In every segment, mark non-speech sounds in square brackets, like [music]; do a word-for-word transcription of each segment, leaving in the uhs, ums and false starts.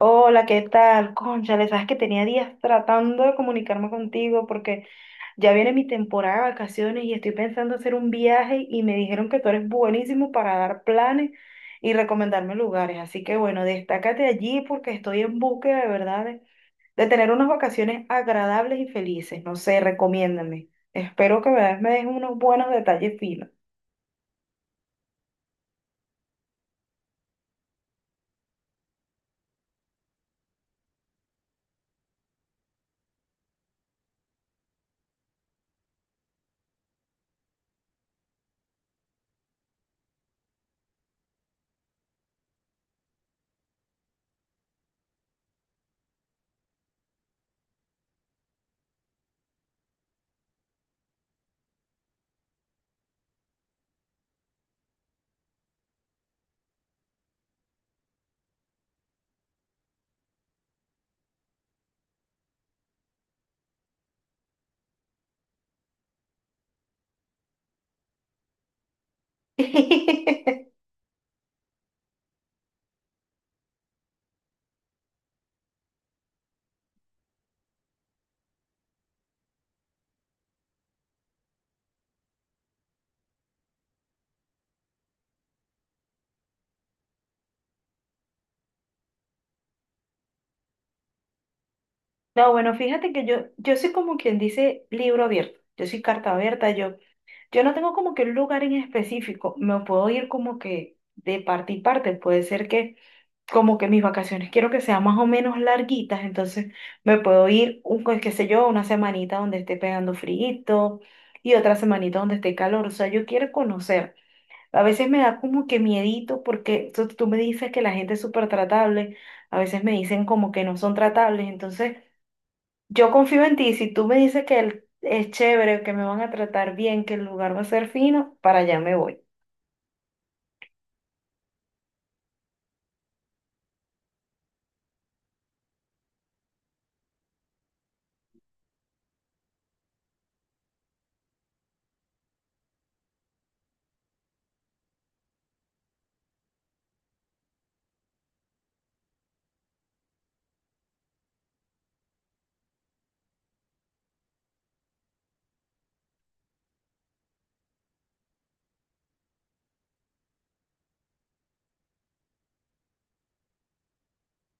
Hola, ¿qué tal? Cónchale, sabes que tenía días tratando de comunicarme contigo porque ya viene mi temporada de vacaciones y estoy pensando hacer un viaje y me dijeron que tú eres buenísimo para dar planes y recomendarme lugares. Así que bueno, destácate allí porque estoy en búsqueda de verdad de, de tener unas vacaciones agradables y felices. No sé, recomiéndame. Espero que me me des unos buenos detalles finos. [laughs] No, bueno, fíjate que yo, yo soy como quien dice libro abierto, yo soy carta abierta, yo Yo no tengo como que un lugar en específico, me puedo ir como que de parte y parte, puede ser que como que mis vacaciones quiero que sean más o menos larguitas, entonces me puedo ir, un, pues, qué sé yo, una semanita donde esté pegando frío y otra semanita donde esté calor, o sea, yo quiero conocer. A veces me da como que miedito porque tú, tú me dices que la gente es súper tratable, a veces me dicen como que no son tratables, entonces... Yo confío en ti, si tú me dices que el- es chévere, que me van a tratar bien, que el lugar va a ser fino, para allá me voy.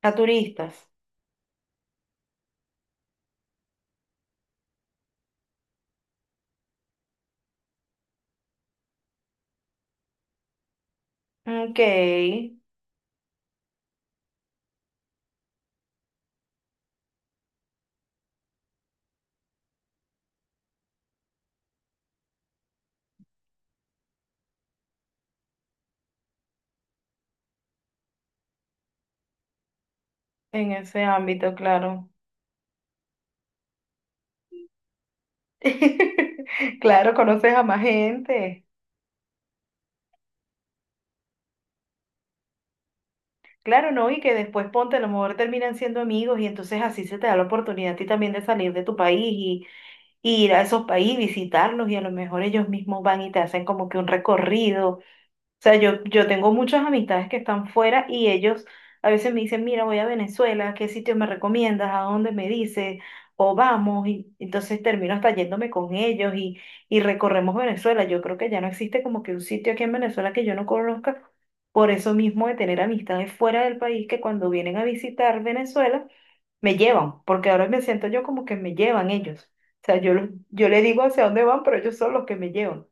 A turistas. Ok, en ese ámbito, claro. [laughs] Claro, conoces a más gente. Claro, ¿no? Y que después ponte, a lo mejor terminan siendo amigos y entonces así se te da la oportunidad a ti también de salir de tu país y, y ir a esos países, visitarlos y a lo mejor ellos mismos van y te hacen como que un recorrido sea, yo, yo tengo muchas amistades que están fuera y ellos a veces me dicen, mira, voy a Venezuela, ¿qué sitio me recomiendas? ¿A dónde me dices? O vamos, y entonces termino hasta yéndome con ellos y, y recorremos Venezuela. Yo creo que ya no existe como que un sitio aquí en Venezuela que yo no conozca, por eso mismo de tener amistades fuera del país que cuando vienen a visitar Venezuela me llevan, porque ahora me siento yo como que me llevan ellos. O sea, yo, los- yo les digo hacia dónde van, pero ellos son los que me llevan.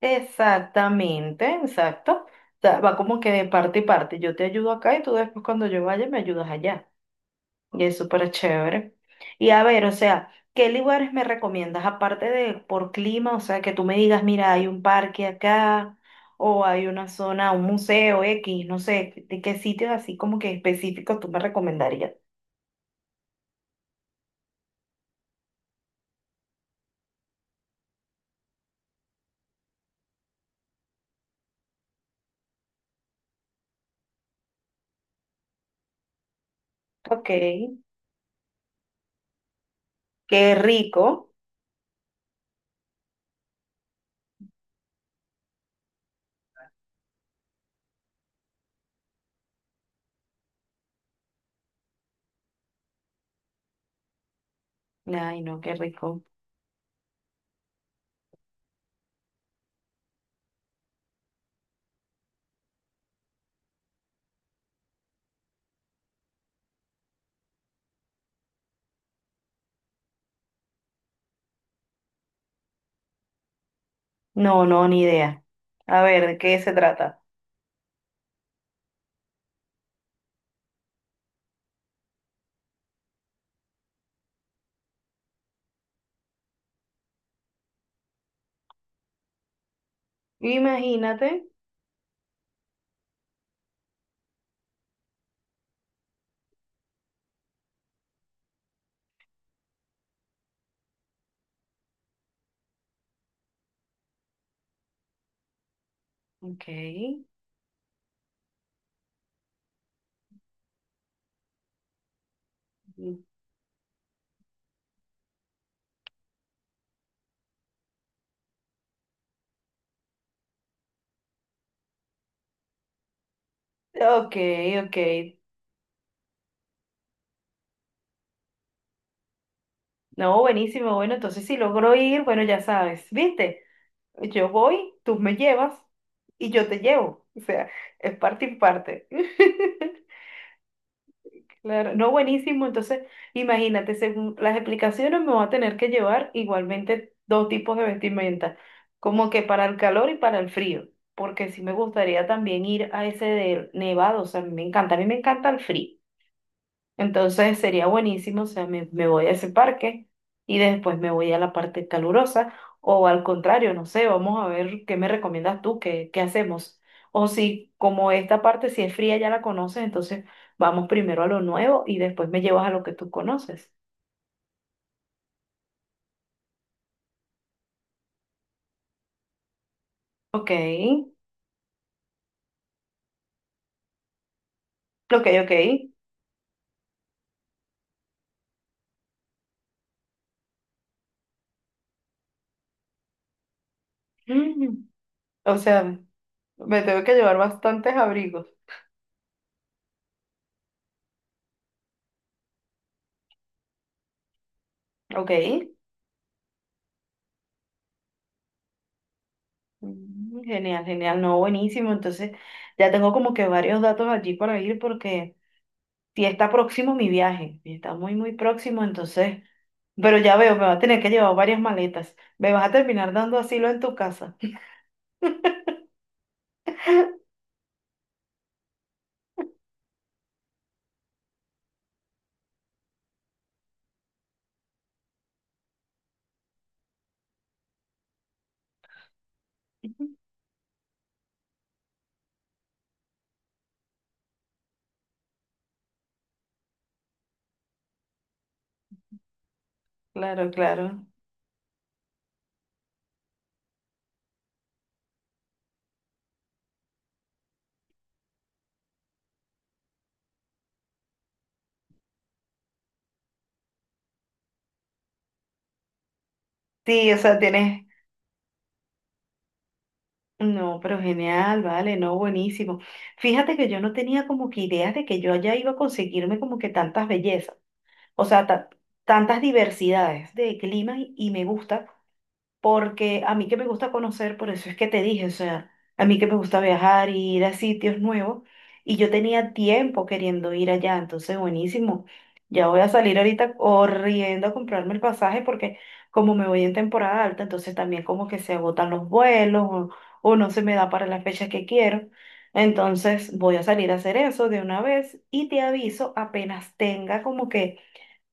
Exactamente, exacto. O sea, va como que de parte y parte. Yo te ayudo acá y tú después cuando yo vaya me ayudas allá. Y es súper chévere. Y a ver, o sea, ¿qué lugares me recomiendas aparte de por clima? O sea, que tú me digas, mira, hay un parque acá o hay una zona, un museo X, no sé, ¿de qué sitios así como que específicos tú me recomendarías? Ok, qué rico. Ay, no, qué rico. No, no, ni idea. A ver, ¿de qué se trata? Imagínate. Okay, ok, ok. No, buenísimo. Bueno, entonces si logro ir, bueno, ya sabes, ¿viste? Yo voy, tú me llevas y yo te llevo. O sea, es parte y parte. [laughs] Claro, no, buenísimo. Entonces, imagínate, según las explicaciones, me voy a tener que llevar igualmente dos tipos de vestimenta, como que para el calor y para el frío, porque sí me gustaría también ir a ese del nevado. O sea, a mí me encanta, a mí me encanta el frío. Entonces sería buenísimo, o sea, me, me voy a ese parque y después me voy a la parte calurosa o al contrario, no sé, vamos a ver qué me recomiendas tú, qué, qué hacemos. O si como esta parte si es fría ya la conoces, entonces vamos primero a lo nuevo y después me llevas a lo que tú conoces. Ok, ok, ok. Mm. O sea, me tengo que llevar bastantes abrigos. Ok. Mm. Genial, genial, no, buenísimo. Entonces, ya tengo como que varios datos allí para ir porque... Y está próximo mi viaje, y está muy, muy próximo, entonces, pero ya veo, me va a tener que llevar varias maletas. Me vas a terminar dando asilo en tu casa. [laughs] Claro, claro. Sí, o sea, tienes... No, pero genial, vale, no, buenísimo. Fíjate que yo no tenía como que ideas de que yo allá iba a conseguirme como que tantas bellezas, o sea, ta- tantas diversidades de climas y, y me gusta porque a mí que me gusta conocer, por eso es que te dije, o sea, a mí que me gusta viajar y ir a sitios nuevos, y yo tenía tiempo queriendo ir allá, entonces buenísimo, ya voy a salir ahorita corriendo a comprarme el pasaje porque como me voy en temporada alta, entonces también como que se agotan los vuelos o, o no se me da para las fechas que quiero. Entonces voy a salir a hacer eso de una vez y te aviso apenas tenga como que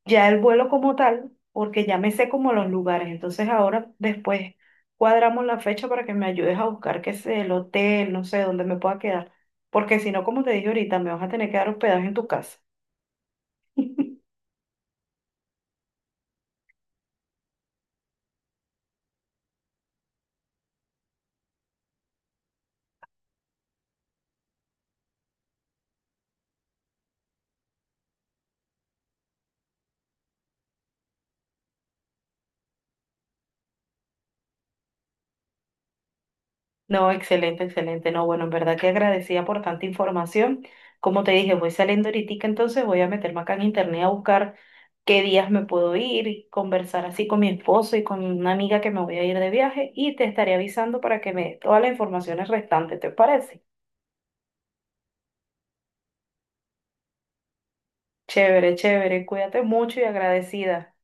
ya el vuelo como tal, porque ya me sé como los lugares. Entonces ahora después cuadramos la fecha para que me ayudes a buscar qué sé, el hotel, no sé, dónde me pueda quedar. Porque si no, como te dije ahorita, me vas a tener que dar hospedaje en tu casa. No, excelente, excelente. No, bueno, en verdad que agradecida por tanta información. Como te dije, voy saliendo ahorita, entonces voy a meterme acá en internet a buscar qué días me puedo ir y conversar así con mi esposo y con una amiga que me voy a ir de viaje y te estaré avisando para que me dé todas las informaciones restantes, ¿te parece? Chévere, chévere. Cuídate mucho y agradecida.